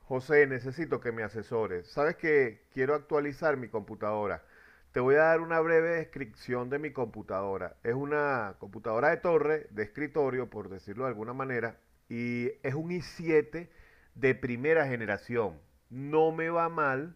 José, necesito que me asesores. Sabes que quiero actualizar mi computadora. Te voy a dar una breve descripción de mi computadora. Es una computadora de torre, de escritorio, por decirlo de alguna manera, y es un i7 de primera generación. No me va mal,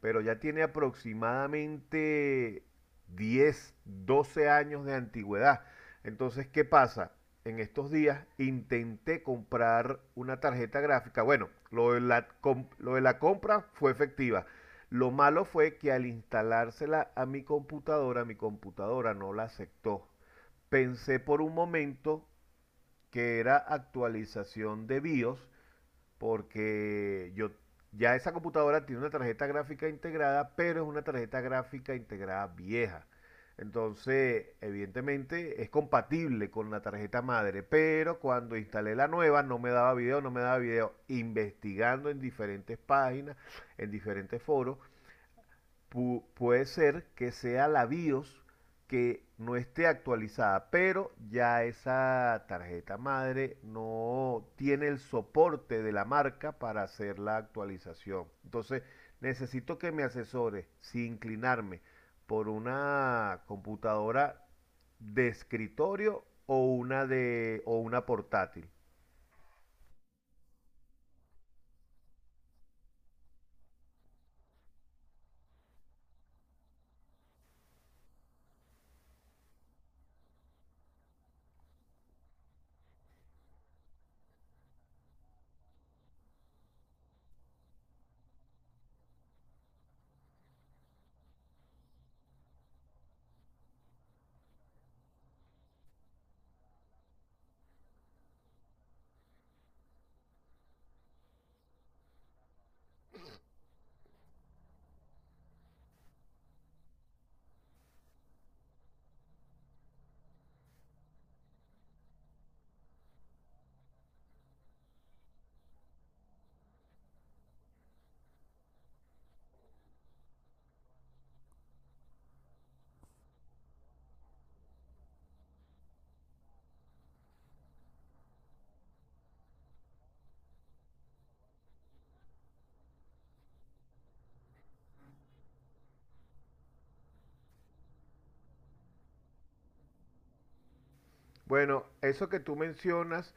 pero ya tiene aproximadamente 10, 12 años de antigüedad. Entonces, ¿qué pasa? En estos días intenté comprar una tarjeta gráfica. Bueno, lo de la compra fue efectiva. Lo malo fue que al instalársela a mi computadora no la aceptó. Pensé por un momento que era actualización de BIOS porque yo ya esa computadora tiene una tarjeta gráfica integrada, pero es una tarjeta gráfica integrada vieja. Entonces, evidentemente es compatible con la tarjeta madre, pero cuando instalé la nueva no me daba video, no me daba video. Investigando en diferentes páginas, en diferentes foros, puede ser que sea la BIOS que no esté actualizada, pero ya esa tarjeta madre no tiene el soporte de la marca para hacer la actualización. Entonces, necesito que me asesore sin inclinarme por una computadora de escritorio o una de o una portátil. Bueno, eso que tú mencionas,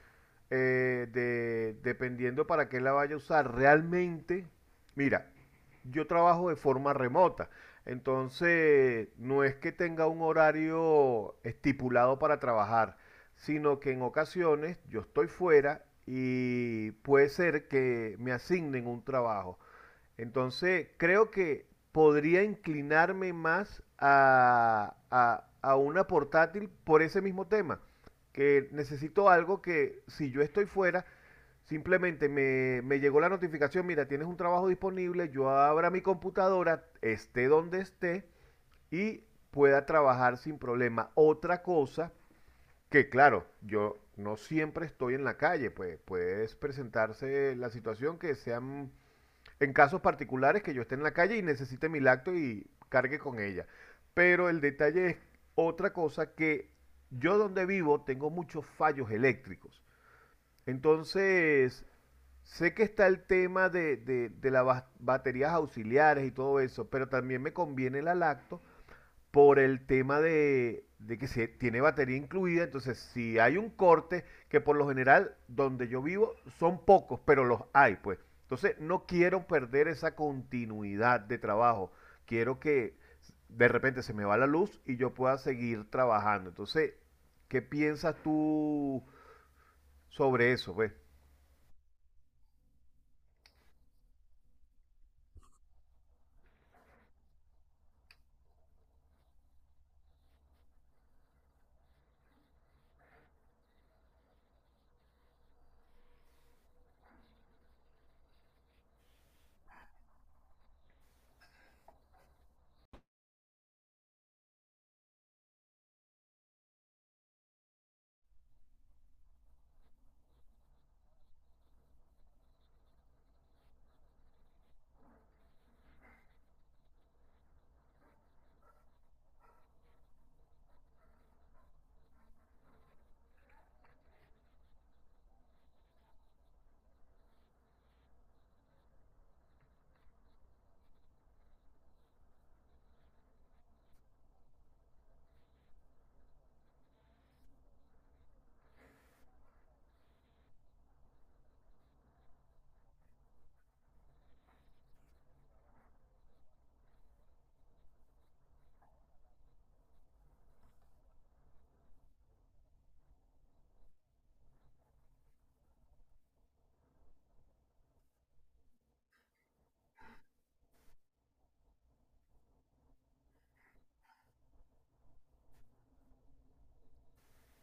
dependiendo para qué la vaya a usar, realmente, mira, yo trabajo de forma remota, entonces no es que tenga un horario estipulado para trabajar, sino que en ocasiones yo estoy fuera y puede ser que me asignen un trabajo. Entonces creo que podría inclinarme más a una portátil por ese mismo tema, que necesito algo que si yo estoy fuera, simplemente me llegó la notificación, mira, tienes un trabajo disponible, yo abra mi computadora, esté donde esté y pueda trabajar sin problema. Otra cosa que claro, yo no siempre estoy en la calle, pues puede presentarse la situación que sean en casos particulares que yo esté en la calle y necesite mi lacto y cargue con ella. Pero el detalle es otra cosa que yo donde vivo tengo muchos fallos eléctricos. Entonces, sé que está el tema de las baterías auxiliares y todo eso, pero también me conviene la lacto por el tema de que se tiene batería incluida, entonces si hay un corte, que por lo general donde yo vivo son pocos, pero los hay, pues. Entonces no quiero perder esa continuidad de trabajo. Quiero que de repente se me va la luz y yo pueda seguir trabajando. Entonces, ¿qué piensas tú sobre eso, pues?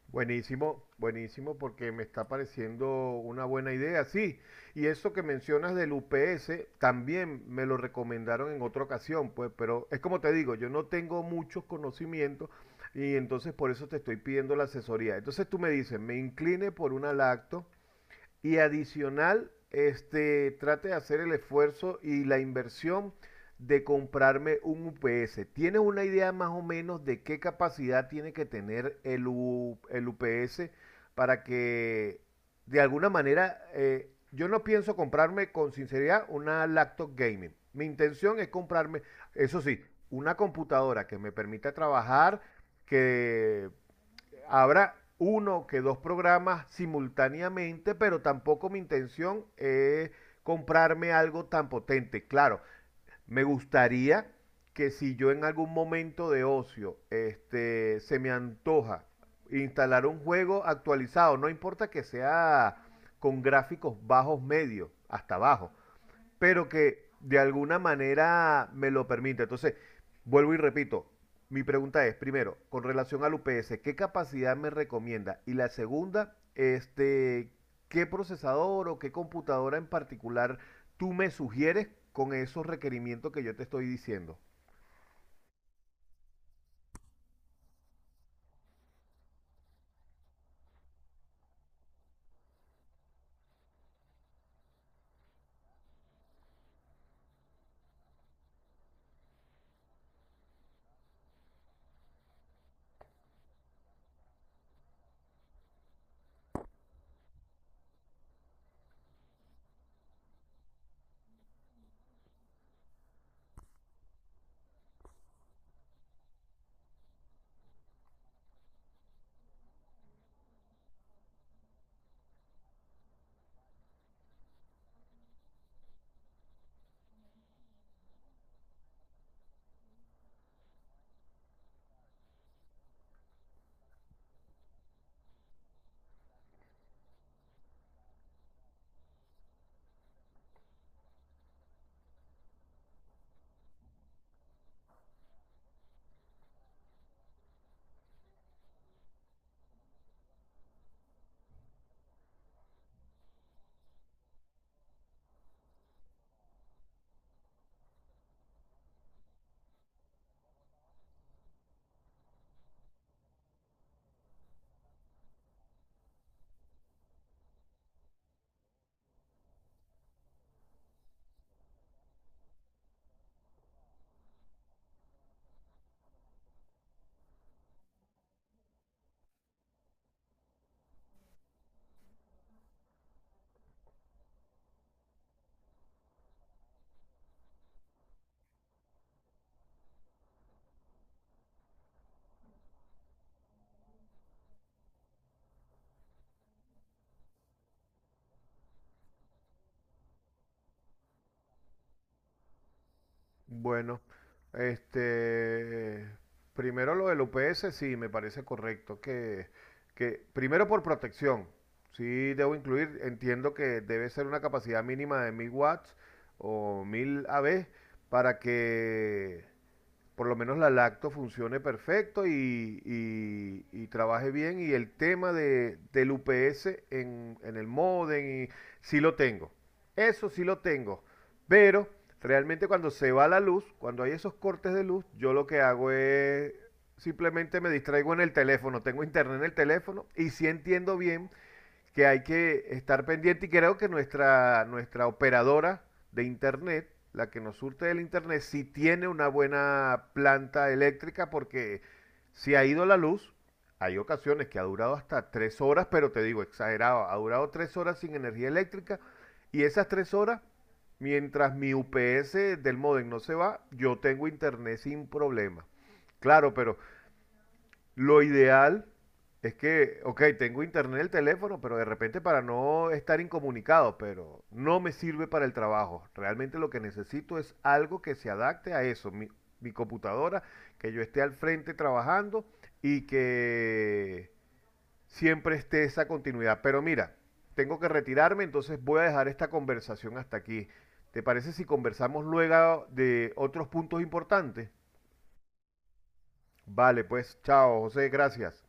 Buenísimo, buenísimo, porque me está pareciendo una buena idea, sí. Y eso que mencionas del UPS, también me lo recomendaron en otra ocasión, pues, pero es como te digo, yo no tengo muchos conocimientos y entonces por eso te estoy pidiendo la asesoría. Entonces tú me dices, me incline por una lacto, y adicional, trate de hacer el esfuerzo y la inversión de comprarme un UPS. ¿Tienes una idea más o menos de qué capacidad tiene que tener el UPS para que de alguna manera yo no pienso comprarme con sinceridad una laptop gaming. Mi intención es comprarme, eso sí, una computadora que me permita trabajar, que habrá uno que dos programas simultáneamente, pero tampoco mi intención es comprarme algo tan potente. Claro, me gustaría que si yo en algún momento de ocio se me antoja instalar un juego actualizado, no importa que sea con gráficos bajos medios, hasta abajo, pero que de alguna manera me lo permite. Entonces, vuelvo y repito, mi pregunta es, primero, con relación al UPS, ¿qué capacidad me recomienda? Y la segunda, ¿qué procesador o qué computadora en particular tú me sugieres con esos requerimientos que yo te estoy diciendo? Bueno, este, primero lo del UPS, sí, me parece correcto que primero por protección, sí debo incluir, entiendo que debe ser una capacidad mínima de 1000 watts o 1000 AB para que por lo menos la lacto funcione perfecto y trabaje bien. Y el tema del UPS en, el modem, y, sí lo tengo. Eso sí lo tengo. Pero realmente cuando se va la luz, cuando hay esos cortes de luz, yo lo que hago es simplemente me distraigo en el teléfono. Tengo internet en el teléfono y sí entiendo bien que hay que estar pendiente y creo que nuestra operadora de internet, la que nos surte del internet, sí tiene una buena planta eléctrica porque si ha ido la luz, hay ocasiones que ha durado hasta 3 horas, pero te digo, exagerado, ha durado 3 horas sin energía eléctrica y esas 3 horas, mientras mi UPS del modem no se va, yo tengo internet sin problema. Claro, pero lo ideal es que, ok, tengo internet en el teléfono, pero de repente para no estar incomunicado, pero no me sirve para el trabajo. Realmente lo que necesito es algo que se adapte a eso, mi computadora, que yo esté al frente trabajando y que siempre esté esa continuidad. Pero mira, tengo que retirarme, entonces voy a dejar esta conversación hasta aquí. ¿Te parece si conversamos luego de otros puntos importantes? Vale, pues chao, José, gracias.